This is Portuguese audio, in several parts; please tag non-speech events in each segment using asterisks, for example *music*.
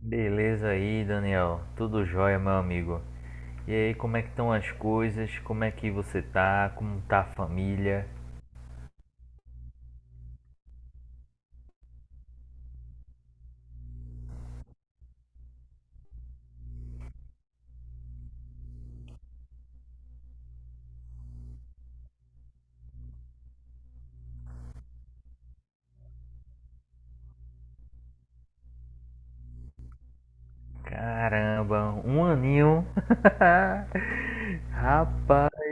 Beleza aí, Daniel. Tudo jóia, meu amigo. E aí, como é que estão as coisas? Como é que você tá? Como tá a família? Caramba, um aninho. *laughs* Rapaz,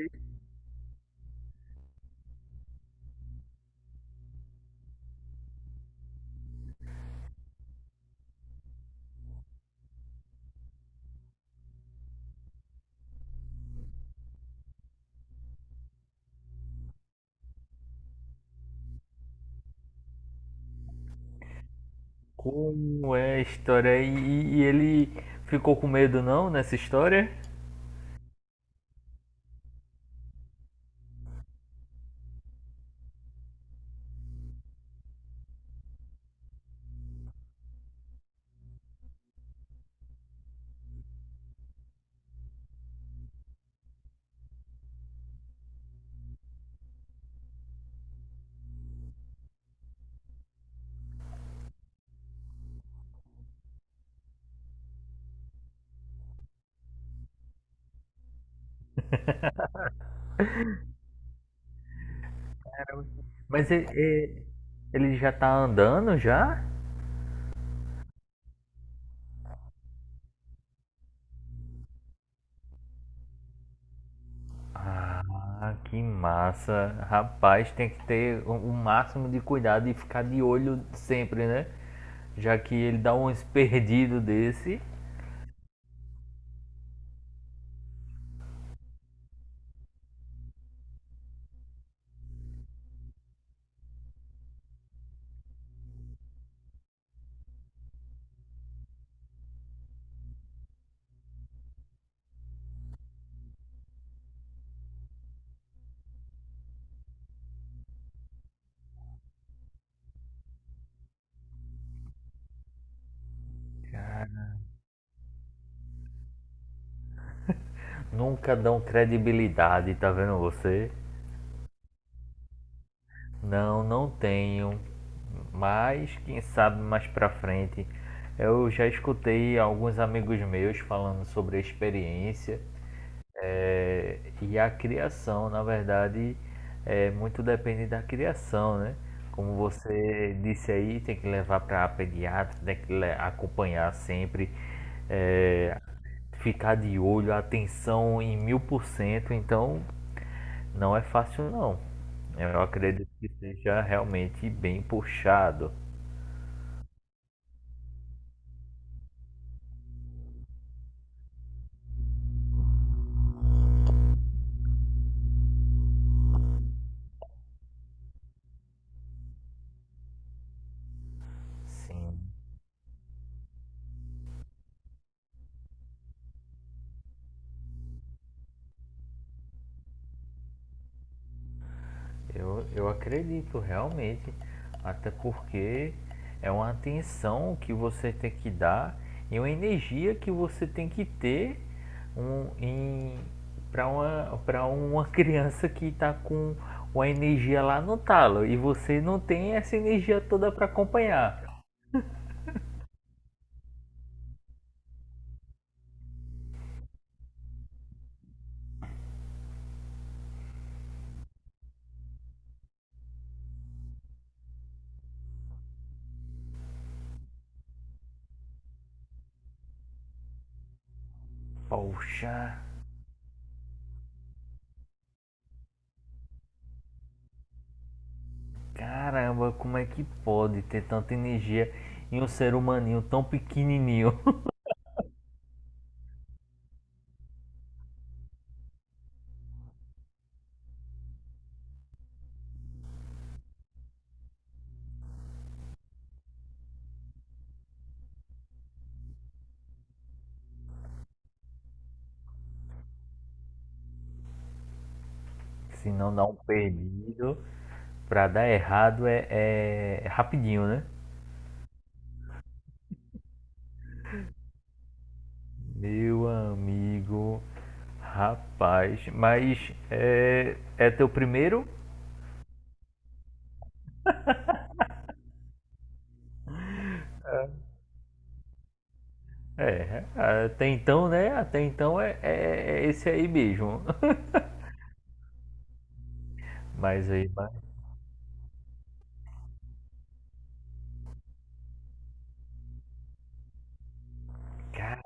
como é a história? E ele ficou com medo não nessa história? Mas ele já tá andando já? Ah, que massa. Rapaz, tem que ter o máximo de cuidado e ficar de olho sempre, né? Já que ele dá uns perdidos desse, nunca dão credibilidade, tá vendo você? Não, não tenho. Mas quem sabe mais pra frente. Eu já escutei alguns amigos meus falando sobre a experiência. É, e a criação, na verdade, é muito depende da criação, né? Como você disse aí, tem que levar para pediatra, tem que acompanhar sempre, é, ficar de olho, atenção em 1000%. Então, não é fácil, não. Eu acredito que seja realmente bem puxado. Sim. Eu acredito realmente, até porque é uma atenção que você tem que dar e uma energia que você tem que ter um, pra uma *laughs* criança que está com uma energia lá no talo e você não tem essa energia toda para acompanhar. Poxa, caramba, como é que pode ter tanta energia em um ser humaninho tão pequenininho? *laughs* Se não dá um perdido. Pra dar errado é, é rapidinho, né? Meu amigo, rapaz, mas é, é teu primeiro? É, até então, né? Até então é esse aí mesmo. *laughs* Mas aí, mas, cara,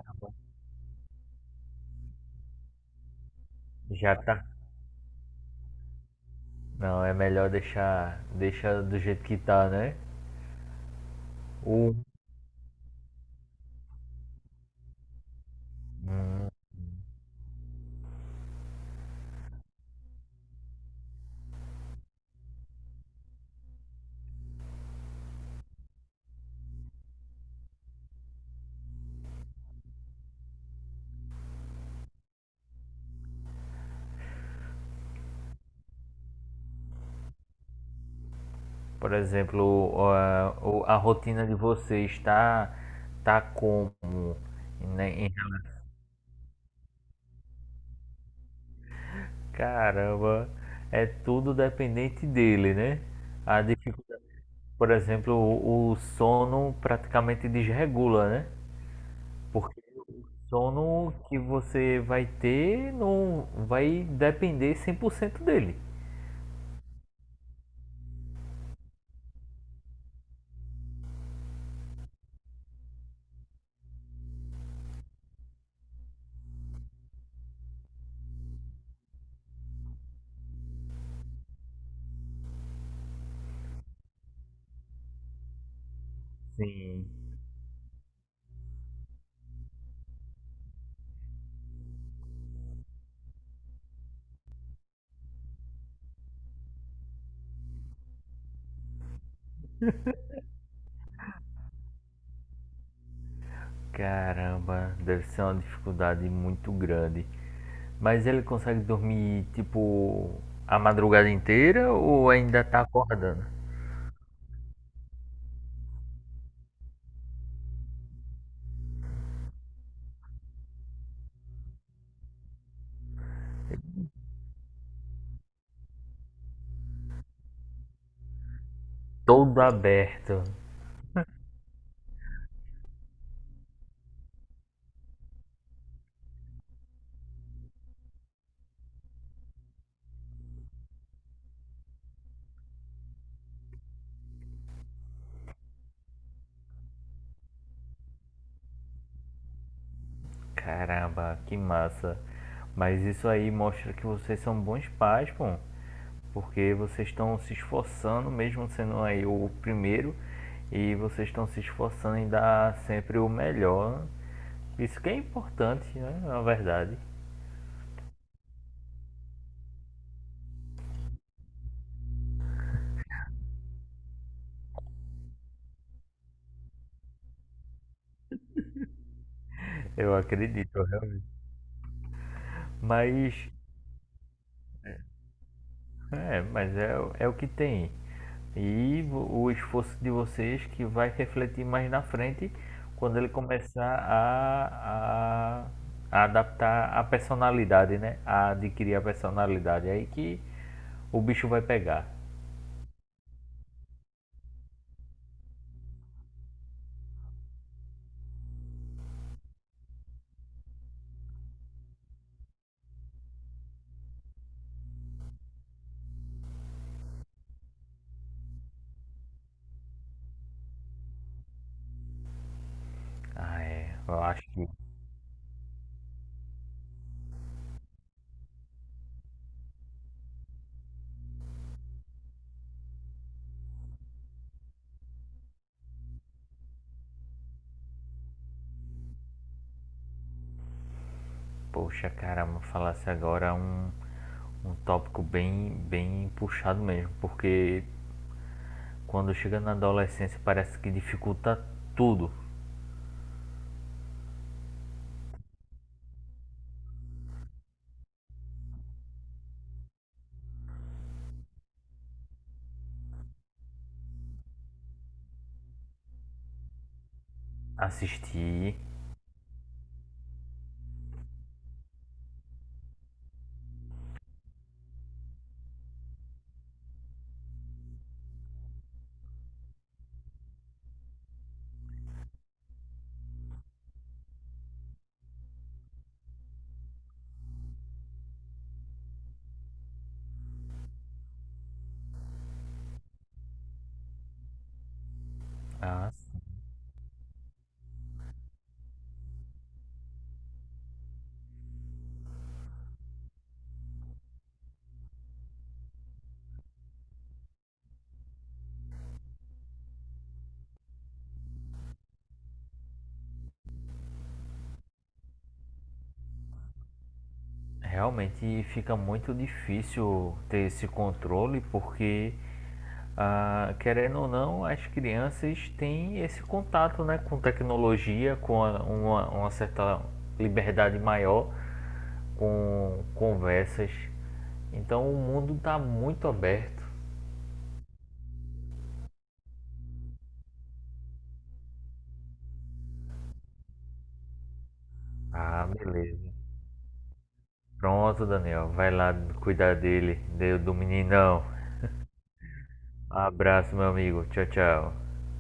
já tá. Não, é melhor deixar do jeito que tá, né? O, por exemplo, a, a rotina de vocês tá como né, em. Caramba, é tudo dependente dele, né? A dificuldade, por exemplo, o sono praticamente desregula, né? Porque o sono que você vai ter não vai depender 100% dele. Sim, caramba, deve ser uma dificuldade muito grande. Mas ele consegue dormir, tipo, a madrugada inteira ou ainda tá acordando? Todo aberto. Caramba, que massa. Mas isso aí mostra que vocês são bons pais, pô. Porque vocês estão se esforçando, mesmo sendo aí o primeiro, e vocês estão se esforçando em dar sempre o melhor. Isso que é importante, né? Na verdade. Eu acredito, realmente. Mas é, mas é, é o que tem. E o esforço de vocês que vai refletir mais na frente quando ele começar a adaptar a personalidade, né? A adquirir a personalidade. É. Aí que o bicho vai pegar. Ah, é. Eu acho que, poxa, caramba, falasse agora um, um tópico bem, bem puxado mesmo. Porque quando chega na adolescência parece que dificulta tudo. Assistir. Ah. Realmente fica muito difícil ter esse controle, porque, ah, querendo ou não, as crianças têm esse contato, né, com tecnologia, com uma certa liberdade maior, com conversas. Então o mundo está muito aberto. Ah, beleza. Pronto, Daniel. Vai lá cuidar dele, do do meninão. Abraço, meu amigo. Tchau, tchau.